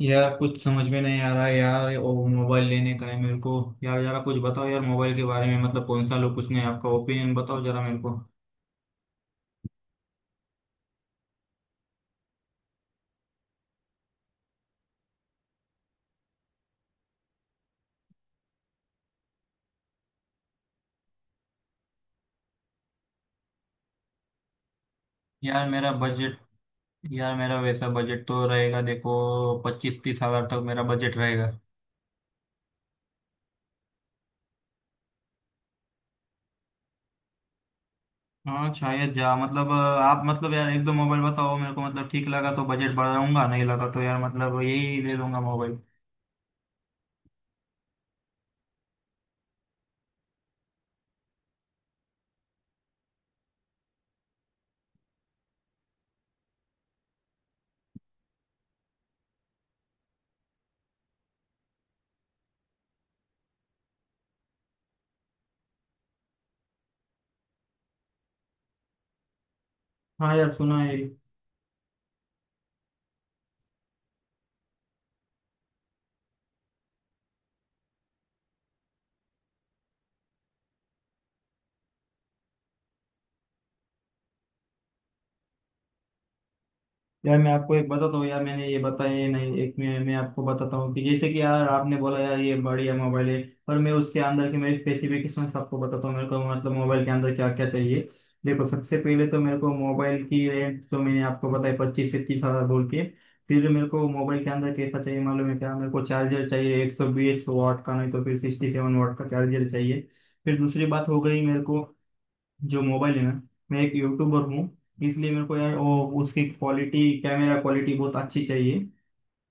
यार कुछ समझ में नहीं आ रहा है यार, ये ओ मोबाइल लेने का है मेरे को। यार जरा कुछ बताओ यार मोबाइल के बारे में, मतलब कौन सा लो, कुछ नहीं, आपका ओपिनियन बताओ जरा मेरे को। यार मेरा बजट, यार मेरा वैसा बजट तो रहेगा, देखो, 25-30 हज़ार तक मेरा बजट रहेगा। हाँ शायद जा मतलब आप मतलब, यार एक दो मोबाइल बताओ मेरे को, मतलब ठीक लगा तो बजट बढ़ाऊंगा, नहीं लगा तो यार मतलब यही ले लूंगा मोबाइल। हाँ यार सुना है। यार मैं आपको एक बताता हूँ, यार मैंने ये बताया ही नहीं एक, मैं आपको बताता हूँ कि जैसे कि यार आपने बोला यार ये बढ़िया मोबाइल है, पर मैं उसके अंदर के मेरे स्पेसिफिकेशन आपको बताता हूँ। मेरे को मतलब मोबाइल के अंदर क्या क्या चाहिए, देखो सबसे पहले तो मेरे को मोबाइल की रेंज जो मैंने आपको बताया 25 से 30 हज़ार बोल के। फिर मेरे को मोबाइल के अंदर कैसा चाहिए मालूम है क्या, मेरे को चार्जर चाहिए 120 वाट का, नहीं तो फिर 67 वाट का चार्जर चाहिए। फिर दूसरी बात हो गई मेरे को, जो मोबाइल है ना, मैं एक यूट्यूबर हूँ, इसलिए मेरे को यार वो उसकी क्वालिटी, कैमरा क्वालिटी बहुत अच्छी चाहिए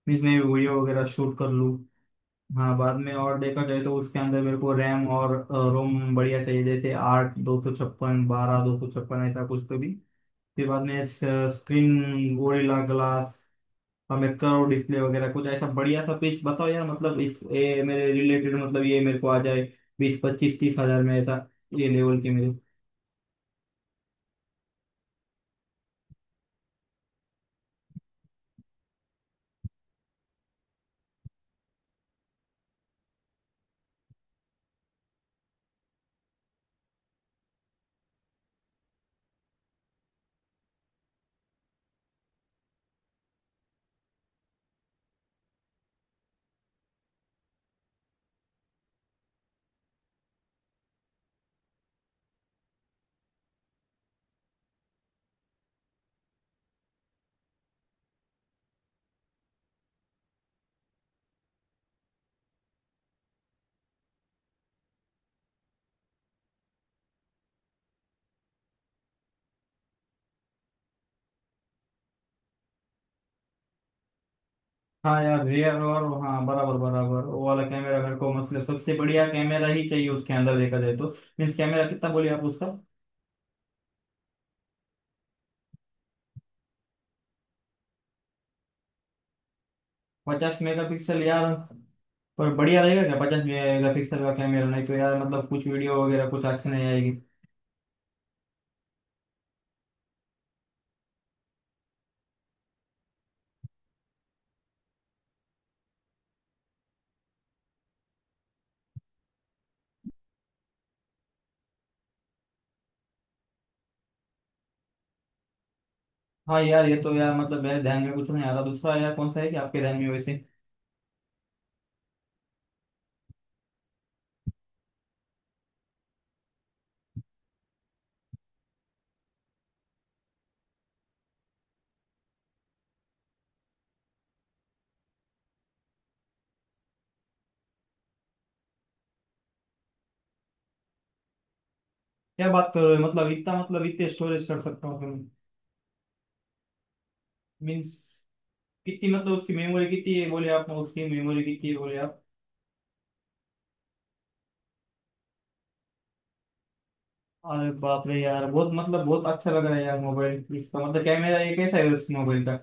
जिसमें वीडियो वगैरह शूट कर लूँ। हाँ बाद में, और देखा जाए तो उसके अंदर मेरे को रैम और रोम बढ़िया चाहिए, जैसे 8/256, 12/256, ऐसा कुछ तो भी। फिर बाद में स्क्रीन गोरिल्ला ग्लास और मैं कर्व डिस्प्ले वगैरह कुछ ऐसा बढ़िया सा पीस बताओ यार, मतलब इस, ये मेरे रिलेटेड, मतलब ये मेरे को आ जाए 20-25-30 हज़ार में, ऐसा ये लेवल के मेरे। हाँ यार रियर और हाँ, बराबर बराबर वो वाला कैमरा मेरे को, मतलब सबसे बढ़िया कैमरा ही चाहिए उसके अंदर देखा जाए तो। मीन्स कैमरा कितना बोलिए आप उसका। 50 मेगापिक्सल यार, पर बढ़िया रहेगा क्या 50 मेगापिक्सल का कैमरा, नहीं तो यार मतलब कुछ वीडियो वगैरह कुछ अच्छी नहीं आएगी। हाँ यार, ये तो यार मतलब मेरे ध्यान में कुछ नहीं आ रहा दूसरा, यार कौन सा है कि आपके ध्यान में वैसे? क्या बात कर रहे हो, मतलब इतना, मतलब इतने स्टोरेज कर सकता हूँ? मीन्स कितनी, मतलब उसकी मेमोरी कितनी है बोले आप, उसकी मेमोरी कितनी है बोले? अरे बाप रे यार बहुत, मतलब बहुत अच्छा लग रहा है यार मोबाइल, इसका मतलब कैमरा ये कैसा है उस मोबाइल का?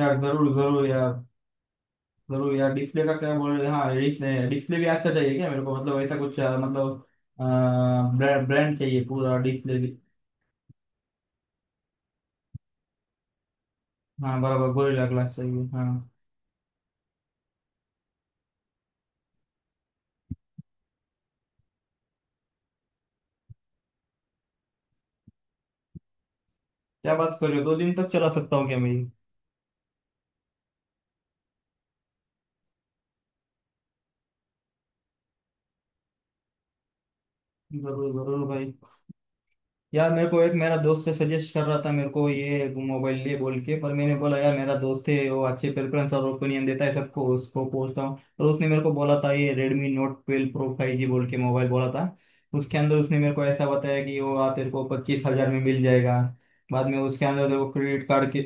यार जरूर जरूर यार, जरूर यार डिस्प्ले का क्या बोल रहे हैं, हाँ डिस्प्ले, डिस्प्ले भी अच्छा चाहिए क्या मेरे को, मतलब ऐसा कुछ मतलब ब्रांड ब्रांड चाहिए पूरा डिस्प्ले भी। हाँ बराबर गोरिल्ला ग्लास चाहिए हाँ। क्या बात कर रहे हो, दो दिन तक चला सकता हूँ क्या मैं ये? जरूर जरूर भाई। यार मेरे को एक, मेरा दोस्त से सजेस्ट कर रहा था मेरे को ये मोबाइल लिए बोल के, पर मैंने बोला यार मेरा दोस्त है वो अच्छे प्रेफरेंस और ओपिनियन देता है सबको, उसको पूछता हूँ, और उसने मेरे को बोला था ये Redmi note twelve pro five G बोल के मोबाइल बोला था। उसके अंदर उसने मेरे को ऐसा बताया कि वो आ तेरे को 25,000 में मिल जाएगा, बाद में उसके अंदर तेरे को क्रेडिट कार्ड के,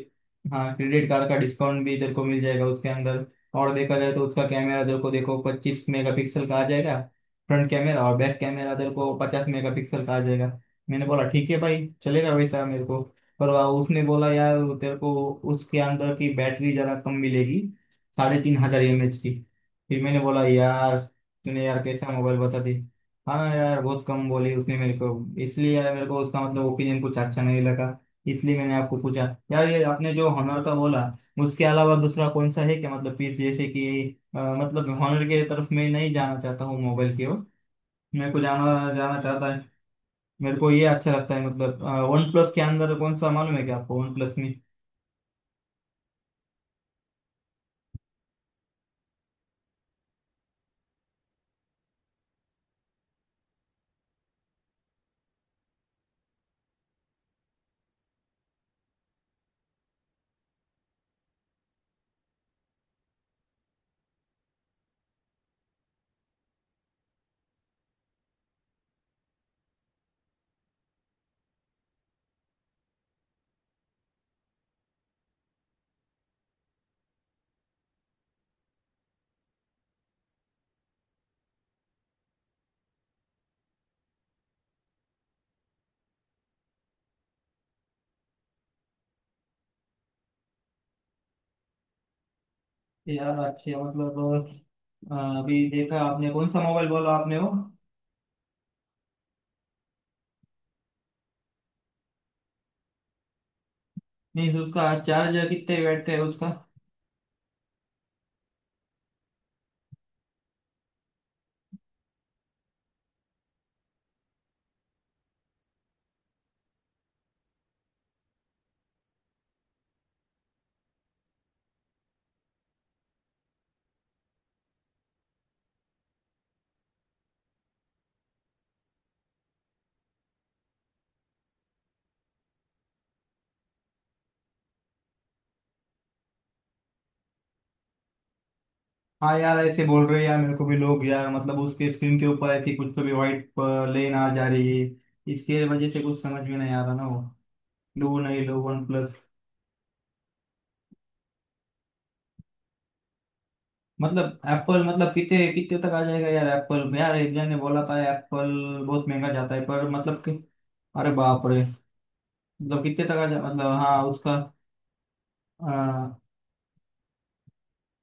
हाँ क्रेडिट कार्ड का डिस्काउंट भी तेरे को मिल जाएगा उसके अंदर, और देखा जाए तो उसका कैमरा तेरे को देखो 25 मेगापिक्सल का आ जाएगा फ्रंट कैमरा, और बैक कैमरा तेरे को 50 मेगापिक्सल का आ जाएगा। मैंने बोला ठीक है भाई, चलेगा वैसा मेरे को। पर उसने बोला यार तेरे को उसके अंदर की बैटरी जरा कम मिलेगी, 3,500 mAh की। फिर मैंने बोला यार तूने यार कैसा मोबाइल बता दी, हाँ ना यार बहुत कम बोली उसने मेरे को। इसलिए यार मेरे को उसका मतलब ओपिनियन कुछ अच्छा नहीं लगा, इसलिए मैंने आपको पूछा। यार ये आपने जो हॉनर का बोला, उसके अलावा दूसरा कौन सा है क्या, मतलब पीस जैसे कि मतलब हॉनर के तरफ मैं नहीं जाना चाहता हूँ मोबाइल की ओर, मेरे को जाना, जाना चाहता, मेरे को ये अच्छा लगता है मतलब। वन प्लस के अंदर कौन सा मालूम है क्या आपको वन प्लस में? यार अच्छे मतलब अ, अभी देखा आपने कौन सा मोबाइल बोला आपने वो? नहीं उसका चार्जर कितने वाट का है उसका? हाँ यार ऐसे बोल रहे हैं यार, मेरे को भी लोग यार मतलब उसके स्क्रीन के ऊपर ऐसी कुछ तो भी वाइट लेन आ जा रही है, इसके वजह से कुछ समझ में नहीं आ रहा ना वो। लो नहीं लो वन प्लस। मतलब एप्पल, मतलब कितने कितने तक आ जाएगा यार एप्पल? यार एक जन ने बोला था एप्पल बहुत महंगा जाता है, पर मतलब कि, अरे बाप रे, मतलब कितने तक आ जा, मतलब हाँ उसका। हाँ,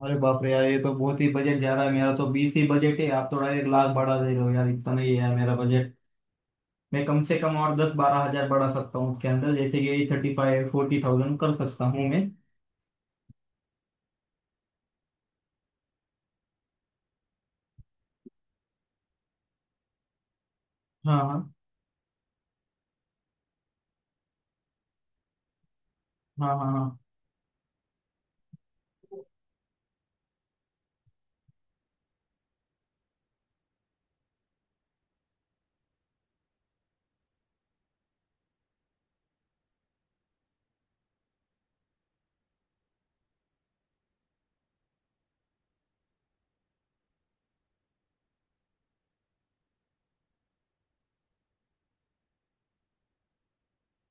अरे बाप रे यार, ये तो बहुत ही बजट जा रहा है मेरा, तो बीस ही बजट है, आप तो डायरेक्ट लाख बढ़ा दे रहे हो यार, इतना नहीं है यार मेरा बजट। मैं कम से कम और 10-12 हज़ार बढ़ा सकता हूँ उसके अंदर, जैसे कि 35-40,000 कर सकता हूँ मैं। हाँ हाँ हाँ। हाँ हाँ।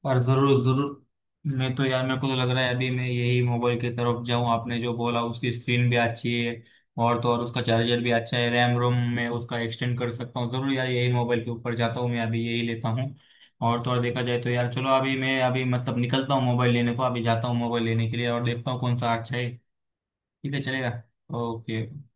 और जरूर जरूर, मैं तो यार मेरे को तो लग रहा है अभी मैं यही मोबाइल की तरफ जाऊं, आपने जो बोला उसकी स्क्रीन भी अच्छी है, और तो और उसका चार्जर भी अच्छा है, रैम रोम में उसका एक्सटेंड कर सकता हूँ, जरूर यार यही मोबाइल के ऊपर जाता हूँ मैं अभी, यही लेता हूँ। और तो और देखा जाए तो यार चलो अभी मैं, अभी मतलब निकलता हूँ मोबाइल लेने को, अभी जाता हूँ मोबाइल लेने के लिए और देखता हूँ कौन सा अच्छा है। ठीक है चलेगा। ओके।